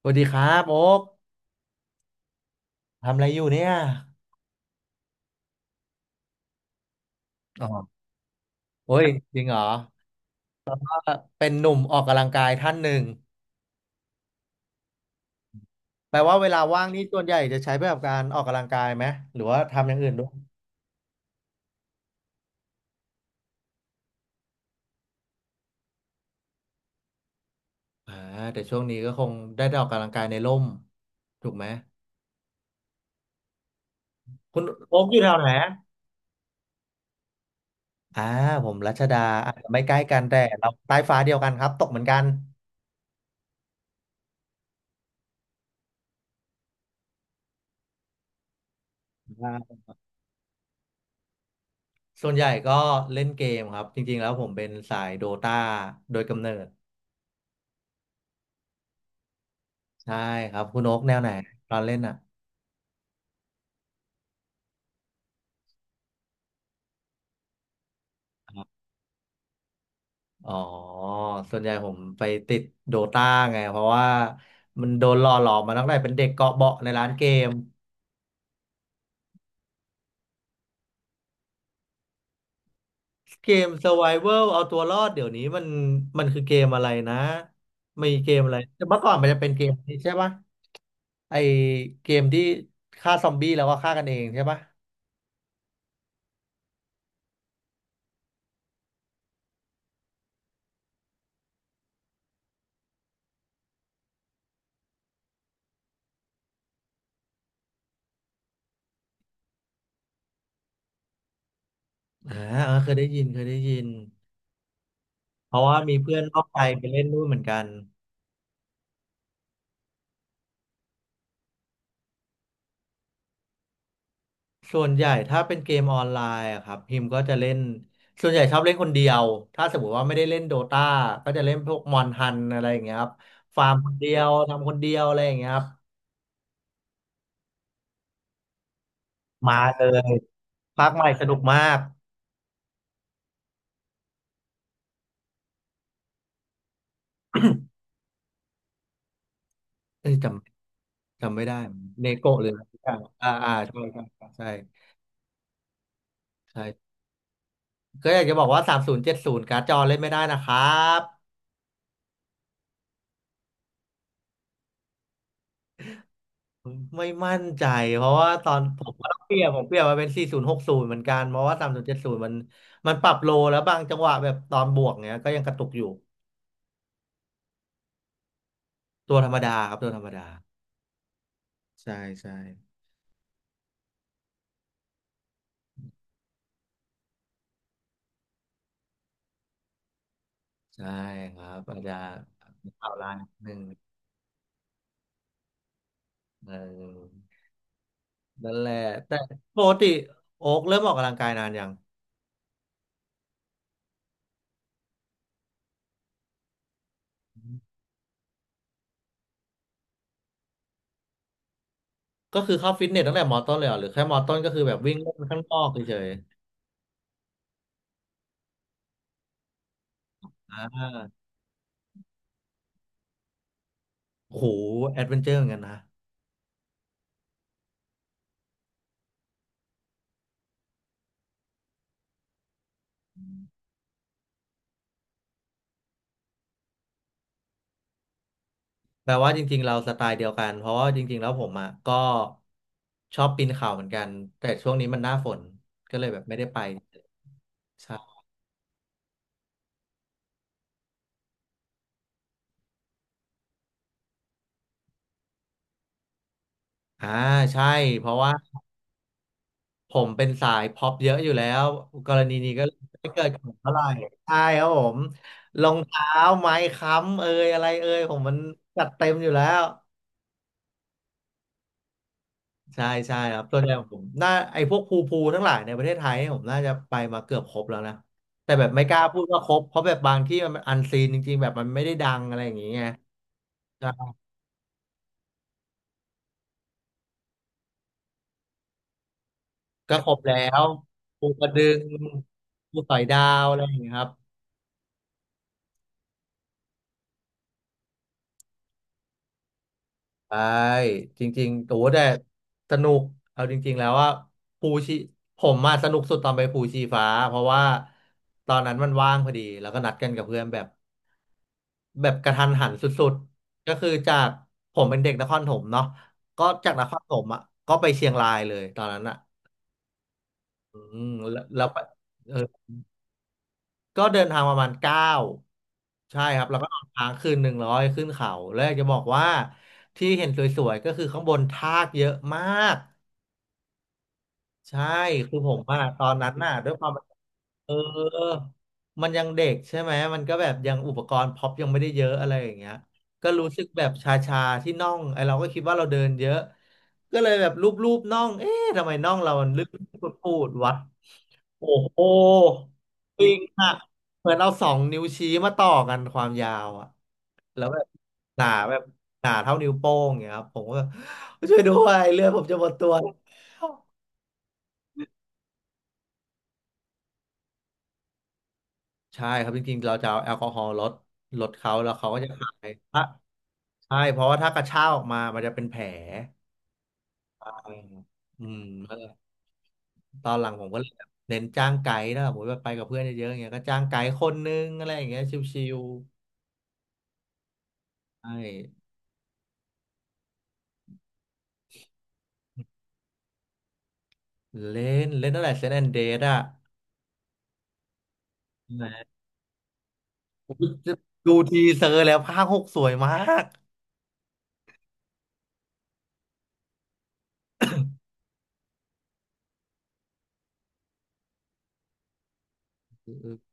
สวัสดีครับโอ๊กทำอะไรอยู่เนี่ยอ๋อโอ้ยจริงเหรอเป็นหนุ่มออกกำลังกายท่านหนึ่งแปลว่าเวลาว่างนี่ส่วนใหญ่จะใช้ไปกับการออกกำลังกายไหมหรือว่าทำอย่างอื่นด้วยอ่าแต่ช่วงนี้ก็คงได้ออกกำลังกายในร่มถูกไหมคุณโอ๊กอยู่แถวไหนอ่าผมรัชดาอาจจะไม่ใกล้กันแต่เราใต้ฟ้าเดียวกันครับตกเหมือนกันอ่าส่วนใหญ่ก็เล่นเกมครับจริงๆแล้วผมเป็นสายโดตาโดยกำเนิดใช่ครับคุณโอ๊กแนวไหนตอนเล่นอ่ะ อ๋อส่วนใหญ่ผมไปติดโดตาไงเพราะว่ามันโดนหล่อหลอมมาตั้งแต่เป็นเด็กเกาะเบาะในร้านเกมเกม Survival เอาตัวรอดเดี๋ยวนี้มันคือเกมอะไรนะมีเกมอะไรแต่เมื่อก่อนมันจะเป็นเกมนี้ใช่ปะไอเกมที่ฆ่าซอมบี้แล้วก็ฆ่ากันเองใช่ปะอ่าเออเคยได้ยินเคยได้ยินเพราะว่ามีเพื่อนนอกใจไปเล่นด้วยเหมือนกัน ส่วนใหญ่ถ้าเป็นเกมออนไลน์อะครับพิมก็จะเล่นส่วนใหญ่ชอบเล่นคนเดียวถ้าสมมติว่าไม่ได้เล่นโดตาก็จะเล่นพวกมอนทันอะไรอย่างเงี้ยครับฟาร์มคนเดียวทำคนเดียวอะไรอย่างเงี้ยครับมาเลยภาคใหม่สนุกมากเอ้ยจำไม่ได้เนโกะหรืออะไรสักอย่างอ่าอ่าใช่ใช่ใช่ใช่ก็อยากจะบอกว่า3070การ์ดจอเล่นไม่ได้นะครับ ไม่มั่นใจเพราะว่าตอนผมก็ต้องเปลี่ยนผมเปลี่ยนมาเป็น 4060 เหมือนกันเพราะว่า3070มสิบเจ็ดสิบมันมันปรับโลแล้วบางจังหวะแบบตอนบวกเนี้ยก็ยังกระตุกอยู่ตัวธรรมดาครับตัวธรรมดาใช่ใช่ใช่ครับอาจจะข่าลายนดนึงเออนั่นแหละแต่ปกติโอ๊กเริ่มออกกำลังกายนานยังก็คือเข้าฟิตเนสตั้งแต่มอต้นเลยเหรอหรือแค่มอต้นก็คือแบบวิ่งเล่นข้างนอกเฉยๆอ่าโหแอดเวนเจอร์เหมือนกันนะ แปลว่าจริงๆเราสไตล์เดียวกันเพราะว่าจริงๆแล้วผมอ่ะก็ชอบปีนเขาเหมือนกันแต่ช่วงนี้มันหน้าฝนก็เลยแบบไม่ได้ไปใช่อ่าใช่เพราะว่าผมเป็นสายพ็อปเยอะอยู่แล้วกรณีนี้ก็ไม่เกิดกับผมเท่าไหร่ใช่ครับผมรองเท้าไม้ค้ำเอยอะไรเอยผมมันจัดเต็มอยู่แล้ว ใช่ใช่ครับส่วนใหญ่ผมน่าไอ้พวกภูภูทั้งหลายในประเทศไทยเนี่ยผมน่าจะไปมาเกือบครบแล้วนะแต่แบบไม่กล้าพูดว่าครบเพราะแบบบางที่มันอันซีนจริงๆแบบมันไม่ได้ดังอะไรอย่างเงี้ยก็ก็ครบแล้วภูกระดึงภูสอยดาวอะไรอย่างเงี้ยครับใช่จริงๆโอ้แต่สนุกเอาจริงๆแล้วว่าภูชีผมมาสนุกสุดตอนไปภูชีฟ้าเพราะว่าตอนนั้นมันว่างพอดีแล้วก็นัดกันกับเพื่อนแบบ แบบกระทันหันสุดๆ ก็คือจากผมเป็นเด็กนครถมเนาะก็จากนครถมอ่ะก็ไปเชียงรายเลยตอนนั้นอ่ะอืมแล้วไปเออก็เดินทางประมาณเก้าใช่ครับแล้วก็นอนค้างคืน100ขึ้นเขาแล้วอยากจะบอกว่าที่เห็นสวยๆก็คือข้างบนทากเยอะมาก ใช่คือผมอะตอนนั้นน่ะด้วยความเออมันยังเด็กใช่ไหมมันก็แบบยังอุปกรณ์พ็อปยังไม่ได้เยอะอะไรอย่างเงี้ยก็รู้สึกแบบชาๆที่น่องไอเราก็คิดว่าเราเดินเยอะก็เลยแบบลูบๆน่องเอ๊ะทำไมน่องเรามันลึกปูดๆวะโอ้โหจริงอะเหมือนเอาสองนิ้วชี้มาต่อกันความยาวอะแล้วแบบหนาแบบหนาเท่านิ้วโป้งอย่างเงี้ยครับผมก็แบบช่วยด้วยเลือดผมจะหมดตัว ใช่ครับจริงๆ เราจะเอาแอลกอฮอล์ลดเขาแล้วเขาก็จะหายถ้าใช่เพราะว่าถ้ากระชากออกมา มันจะเป็นแผลอืมอืมก็เลยตอนหลังผมก็เลยเน้นจ้างไกด์นะผมติว่าไปกับเพื่อนเยอะๆอย่างเงี้ยก็จ้างไกด์คนนึงอะไรอย่างเงี้ยชิวๆใช่เล่นเล่นตั้งแต่เซนแอนเดดอ่ะแหมดูทีเซอร์แล้วภาคหกสวยมากเออ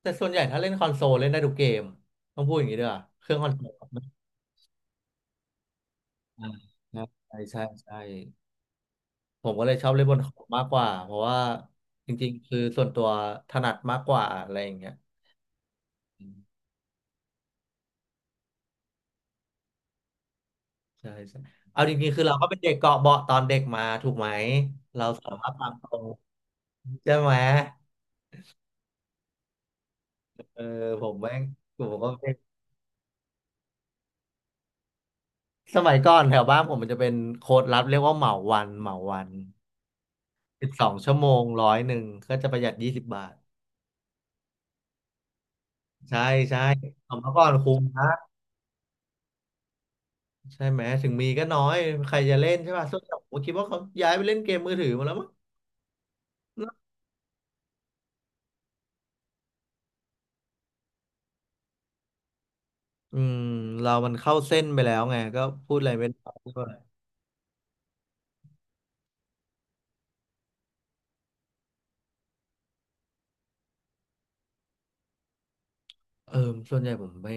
แต่ส่วนใหญ่ถ้าเล่นคอนโซลเล่นได้ทุกเกมต้องพูดอย่างนี้ด้วยอะเครื่องคอนโซลอ่าใช่ใช่ใช่ ผมก็เลยชอบเล่นบนคอมมากกว่าเพราะว่าจริงๆคือส่วนตัวถนัดมากกว่าอะไรอย่างเงี้ยอืมใช่ใช่เอาจริงๆคือเราก็เป็นเด็กเกาะเบาะตอนเด็กมาถูกไหมเราสารภาพตามตรงใช่ไหมเออผมแม่งผมก็เป็นสมัยก่อนแถวบ้านผมมันจะเป็นโค้ดลับเรียกว่าเหมาวันเหมาวัน12 ชั่วโมง100ก็จะประหยัด20 บาทใช่ใช่สมัยก่อนคุ้มนะใช่ไหมถึงมีก็น้อยใครจะเล่นใช่ป่ะส่วนใหญ่ผมคิดว่าเขาย้ายไปเล่นเกมมือถือมาแล้วมั้ง อืมเรามันเข้าเส้นไปแล้วไงก็พูดอะไรไม่ได้ก็เออส่วนใหญ่ผมไม่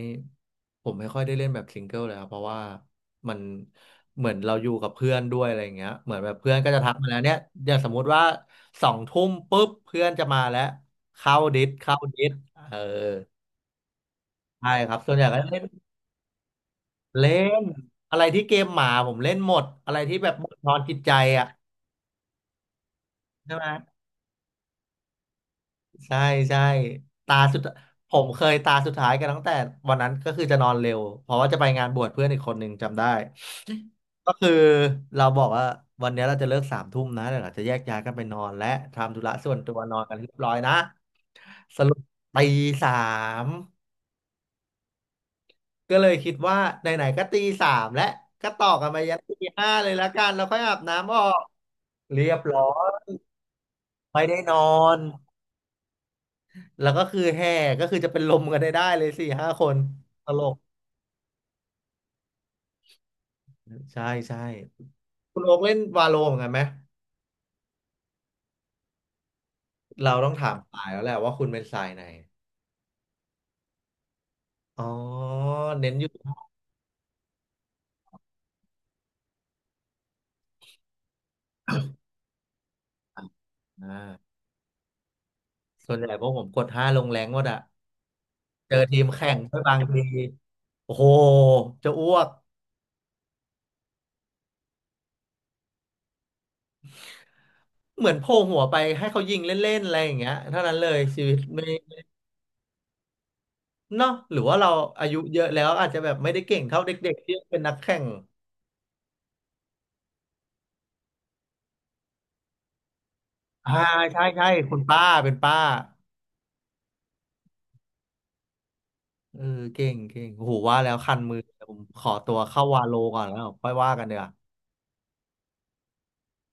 ผมไม่ค่อยได้เล่นแบบซิงเกิลเลยครับเพราะว่ามันเหมือนเราอยู่กับเพื่อนด้วยอะไรอย่างเงี้ยเหมือนแบบเพื่อนก็จะทักมาแล้วเนี่ยอย่างสมมุติว่าสองทุ่มปุ๊บเพื่อนจะมาแล้วเข้าดิสเข้าดิสเออใช่ครับส่วนใหญ่ก็เล่นเล่นอะไรที่เกมหมาผมเล่นหมดอะไรที่แบบบั่นทอนจิตใจอ่ะใช่ไหม ใช่ใช่ตาสุดผมเคยตาสุดท้ายกันตั้งแต่วันนั้นก็คือจะนอนเร็วเพราะว่าจะไปงานบวชเพื่อนอีกคนหนึ่งจำได้ก็คือเราบอกว่าวันนี้เราจะเลิกสามทุ่มนะเดี๋ยวเราจะแยกย้ายกันไปนอนและทำธุระส่วนตัวนอนกันเรียบร้อยนะสรุปตีสามก็เลยคิดว่าไหนๆก็ตีสามและก็ต่อกันไปยันตีห้าเลยละกันแล้วค่อยอาบน้ำออกเรียบร้อยไม่ได้นอนแล้วก็คือแห่ก็คือจะเป็นลมกันได้เลย4-5 คนตลก ใช่ใช่คุณโอ๊กเล่นวาโลเหมือนกันไหมเราต้องถามสายแล้วแหละว่าคุณเป็นสายไหนอ๋อเน้นอยู่อ่าส่วนใหญ่พวกผมกดห้าลงแรงหมดอะเจอทีมแข่งด้วยบางทีโอ้โหจะอ้วกเหมือนโผล่หัวไปให้เขายิงเล่นๆอะไรอย่างเงี้ยเท่านั้นเลยชีวิตไม่เนาะหรือว่าเราอายุเยอะแล้วอาจจะแบบไม่ได้เก่งเท่าเด็กๆที่เป็นนักแข่งอ่าใช่ใช่คุณป้าเป็นป้า เออเก่งเก่งโอ้โหว่าแล้วคันมือผมขอตัวเข้าวาโลก่อนแล้วค่อยว่ากันเดี๋ยว